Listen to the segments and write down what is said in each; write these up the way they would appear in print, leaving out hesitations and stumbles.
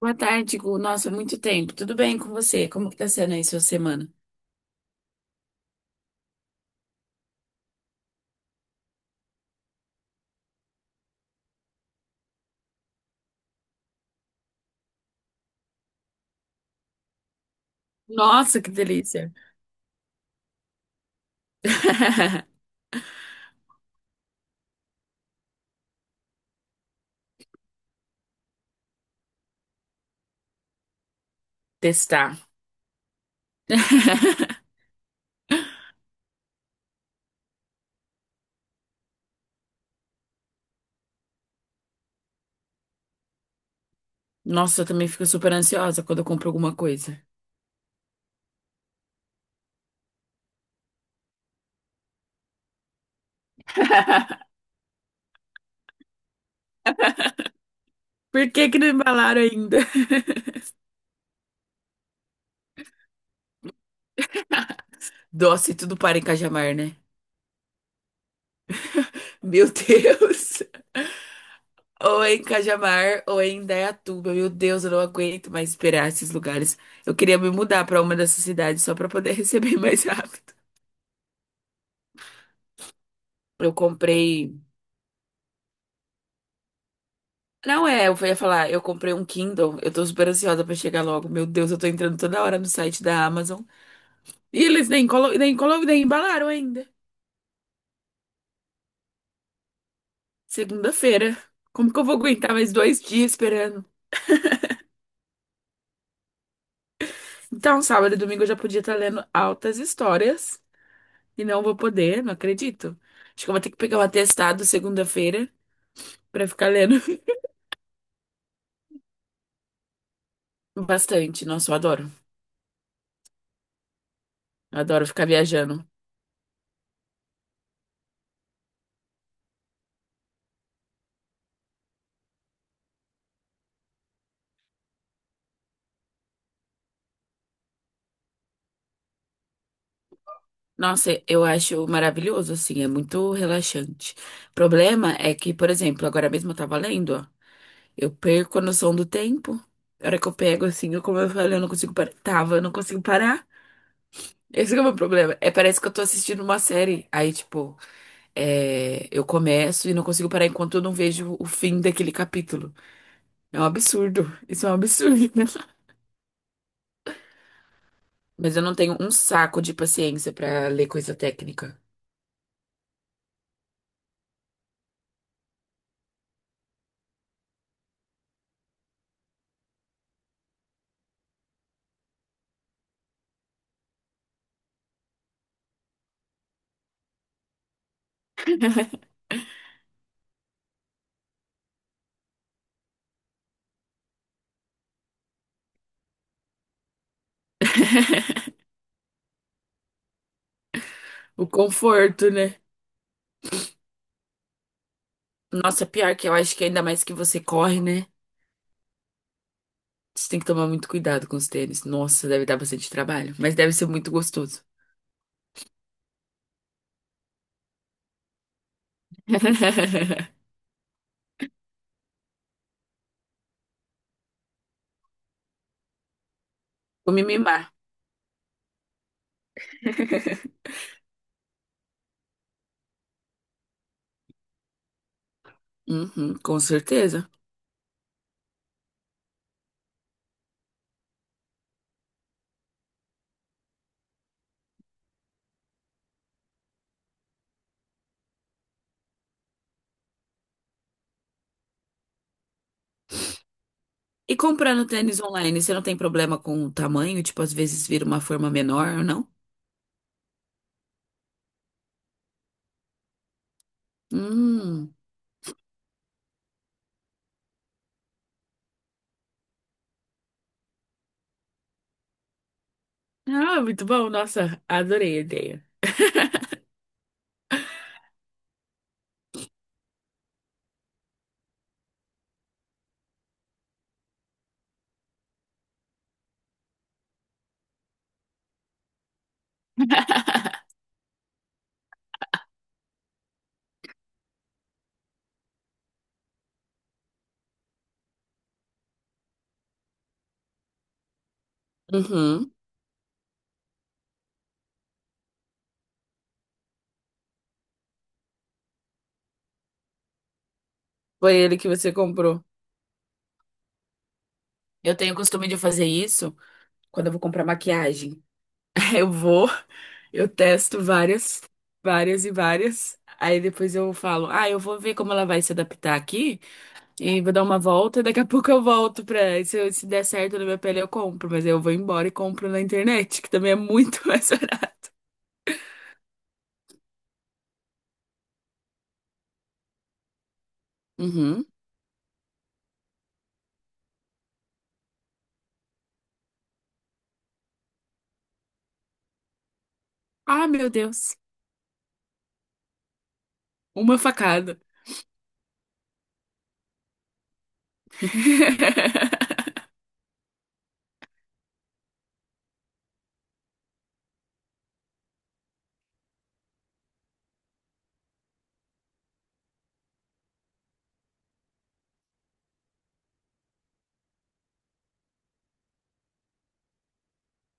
Boa tarde, Gu. Nossa, muito tempo. Tudo bem com você? Como que tá sendo aí sua semana? Nossa, que delícia. Testar. Nossa, eu também fico super ansiosa quando eu compro alguma coisa. Por que que não embalaram ainda? Doce, tudo para em Cajamar, né? Meu Deus. Ou é em Cajamar ou é em Indaiatuba. Meu Deus, eu não aguento mais esperar esses lugares. Eu queria me mudar para uma dessas cidades só para poder receber mais rápido. Eu comprei. Não é, eu ia falar, eu comprei um Kindle, eu tô super ansiosa pra chegar logo. Meu Deus, eu tô entrando toda hora no site da Amazon. E eles nem colo, nem colo, nem embalaram ainda. Segunda-feira. Como que eu vou aguentar mais 2 dias esperando? Então, sábado e domingo eu já podia estar lendo altas histórias. E não vou poder, não acredito. Acho que eu vou ter que pegar um atestado segunda-feira pra ficar lendo bastante. Nossa, eu adoro. Eu adoro ficar viajando. Nossa, eu acho maravilhoso, assim, é muito relaxante. O problema é que, por exemplo, agora mesmo eu tava lendo, ó, eu perco a noção do tempo. A hora que eu pego, assim, eu, como eu falei, eu não consigo parar. Tava, eu não consigo parar. Esse que é o meu problema. É, parece que eu tô assistindo uma série. Aí, tipo, é, eu começo e não consigo parar enquanto eu não vejo o fim daquele capítulo. É um absurdo. Isso é um absurdo. Mas eu não tenho um saco de paciência pra ler coisa técnica. O conforto, né? Nossa, pior que eu acho que ainda mais que você corre, né? Você tem que tomar muito cuidado com os tênis. Nossa, deve dar bastante trabalho, mas deve ser muito gostoso. Vou me mimar. Uhum, com certeza. E comprando tênis online, você não tem problema com o tamanho? Tipo, às vezes vira uma forma menor ou não? Hum. Ah, muito bom. Nossa, adorei a ideia. Uhum. Foi ele que você comprou. Eu tenho o costume de fazer isso quando eu vou comprar maquiagem. Eu vou, eu testo várias, várias. Aí depois eu falo, ah, eu vou ver como ela vai se adaptar aqui e vou dar uma volta. Daqui a pouco eu volto pra. Se, se der certo na minha pele, eu compro. Mas aí eu vou embora e compro na internet, que também é muito mais barato. Uhum. Ah, meu Deus. Uma facada.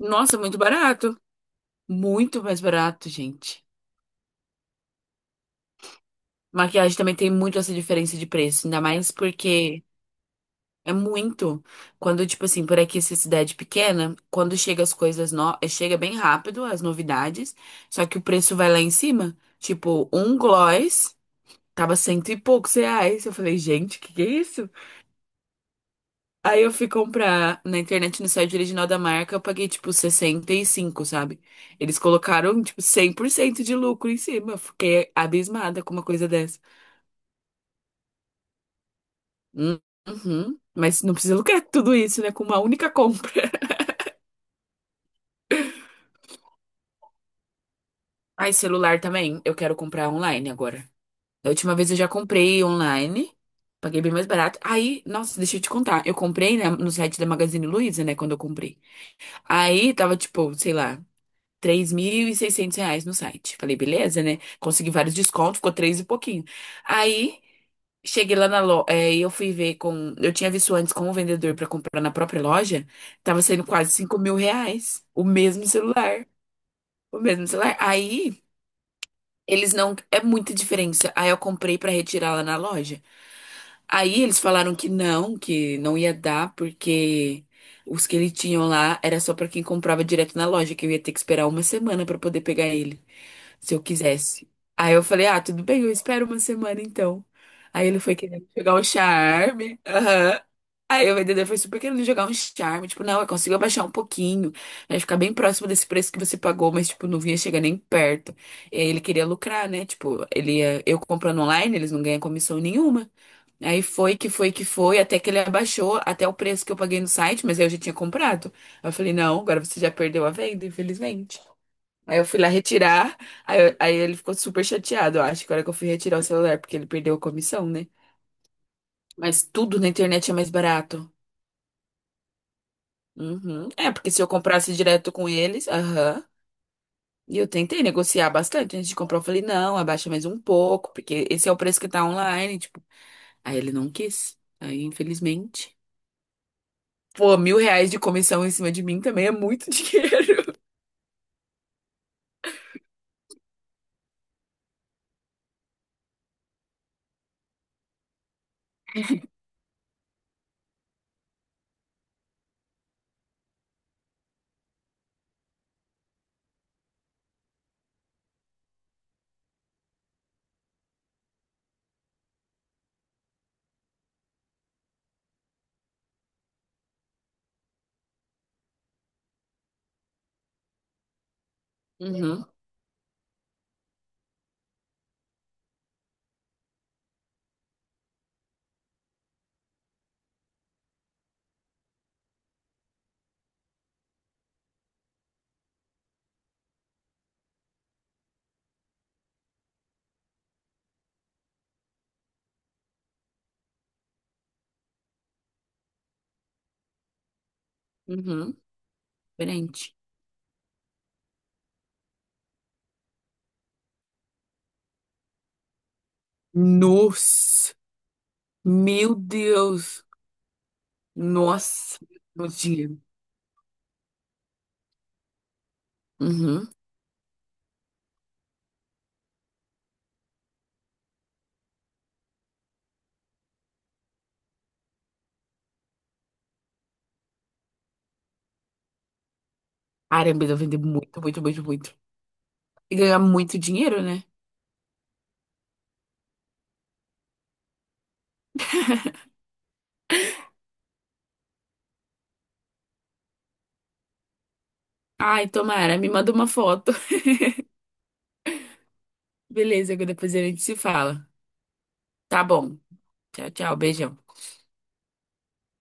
Nossa, muito barato. Muito mais barato, gente. Maquiagem também tem muito essa diferença de preço, ainda mais porque é muito. Quando, tipo assim, por aqui, essa cidade pequena, quando chega as coisas no... chega bem rápido, as novidades, só que o preço vai lá em cima. Tipo, um gloss tava cento e poucos reais. Eu falei, gente, que é isso? Aí eu fui comprar na internet, no site original da marca, eu paguei, tipo, 65, sabe? Eles colocaram, tipo, 100% de lucro em cima. Eu fiquei abismada com uma coisa dessa. Hum, Uhum. Mas não precisa lucrar tudo isso, né? Com uma única compra. Ai, celular também. Eu quero comprar online agora. Da última vez eu já comprei online. Paguei bem mais barato. Aí, nossa, deixa eu te contar. Eu comprei, né, no site da Magazine Luiza, né? Quando eu comprei. Aí tava tipo, sei lá, R$ 3.600 no site. Falei, beleza, né? Consegui vários descontos, ficou três e pouquinho. Aí, cheguei lá na loja. E eu fui ver com. Eu tinha visto antes com o vendedor pra comprar na própria loja. Tava saindo quase R$ 5.000. O mesmo celular. O mesmo celular. Aí. Eles não. É muita diferença. Aí eu comprei pra retirar lá na loja. Aí eles falaram que não ia dar, porque os que eles tinham lá era só pra quem comprava direto na loja, que eu ia ter que esperar uma semana pra poder pegar ele se eu quisesse. Aí eu falei, ah, tudo bem, eu espero uma semana então. Aí ele foi querendo jogar um charme, aham. Aí o vendedor foi super querendo jogar um charme. Tipo, não, eu consigo abaixar um pouquinho, né? Ficar bem próximo desse preço que você pagou, mas, tipo, não vinha chegar nem perto. E aí ele queria lucrar, né? Tipo, eu comprando online, eles não ganham comissão nenhuma. Aí foi, até que ele abaixou até o preço que eu paguei no site, mas aí eu já tinha comprado. Aí eu falei, não, agora você já perdeu a venda, infelizmente. Aí eu fui lá retirar, aí ele ficou super chateado, eu acho, que a hora que eu fui retirar o celular, porque ele perdeu a comissão, né? Mas tudo na internet é mais barato. Uhum. É, porque se eu comprasse direto com eles, aham. E eu tentei negociar bastante antes de comprar, eu falei, não, abaixa mais um pouco, porque esse é o preço que tá online, tipo. Aí ele não quis. Aí, infelizmente. Pô, R$ 1.000 de comissão em cima de mim também é muito dinheiro. Uhum, uhum, diferente. Nossa, meu Deus. Nossa, muito dinheiro. Uhum. Caramba, eu vender muito. E ganhar muito dinheiro, né? Ai, tomara, me manda uma foto. Beleza, que depois a gente se fala. Tá bom. Tchau, tchau. Beijão.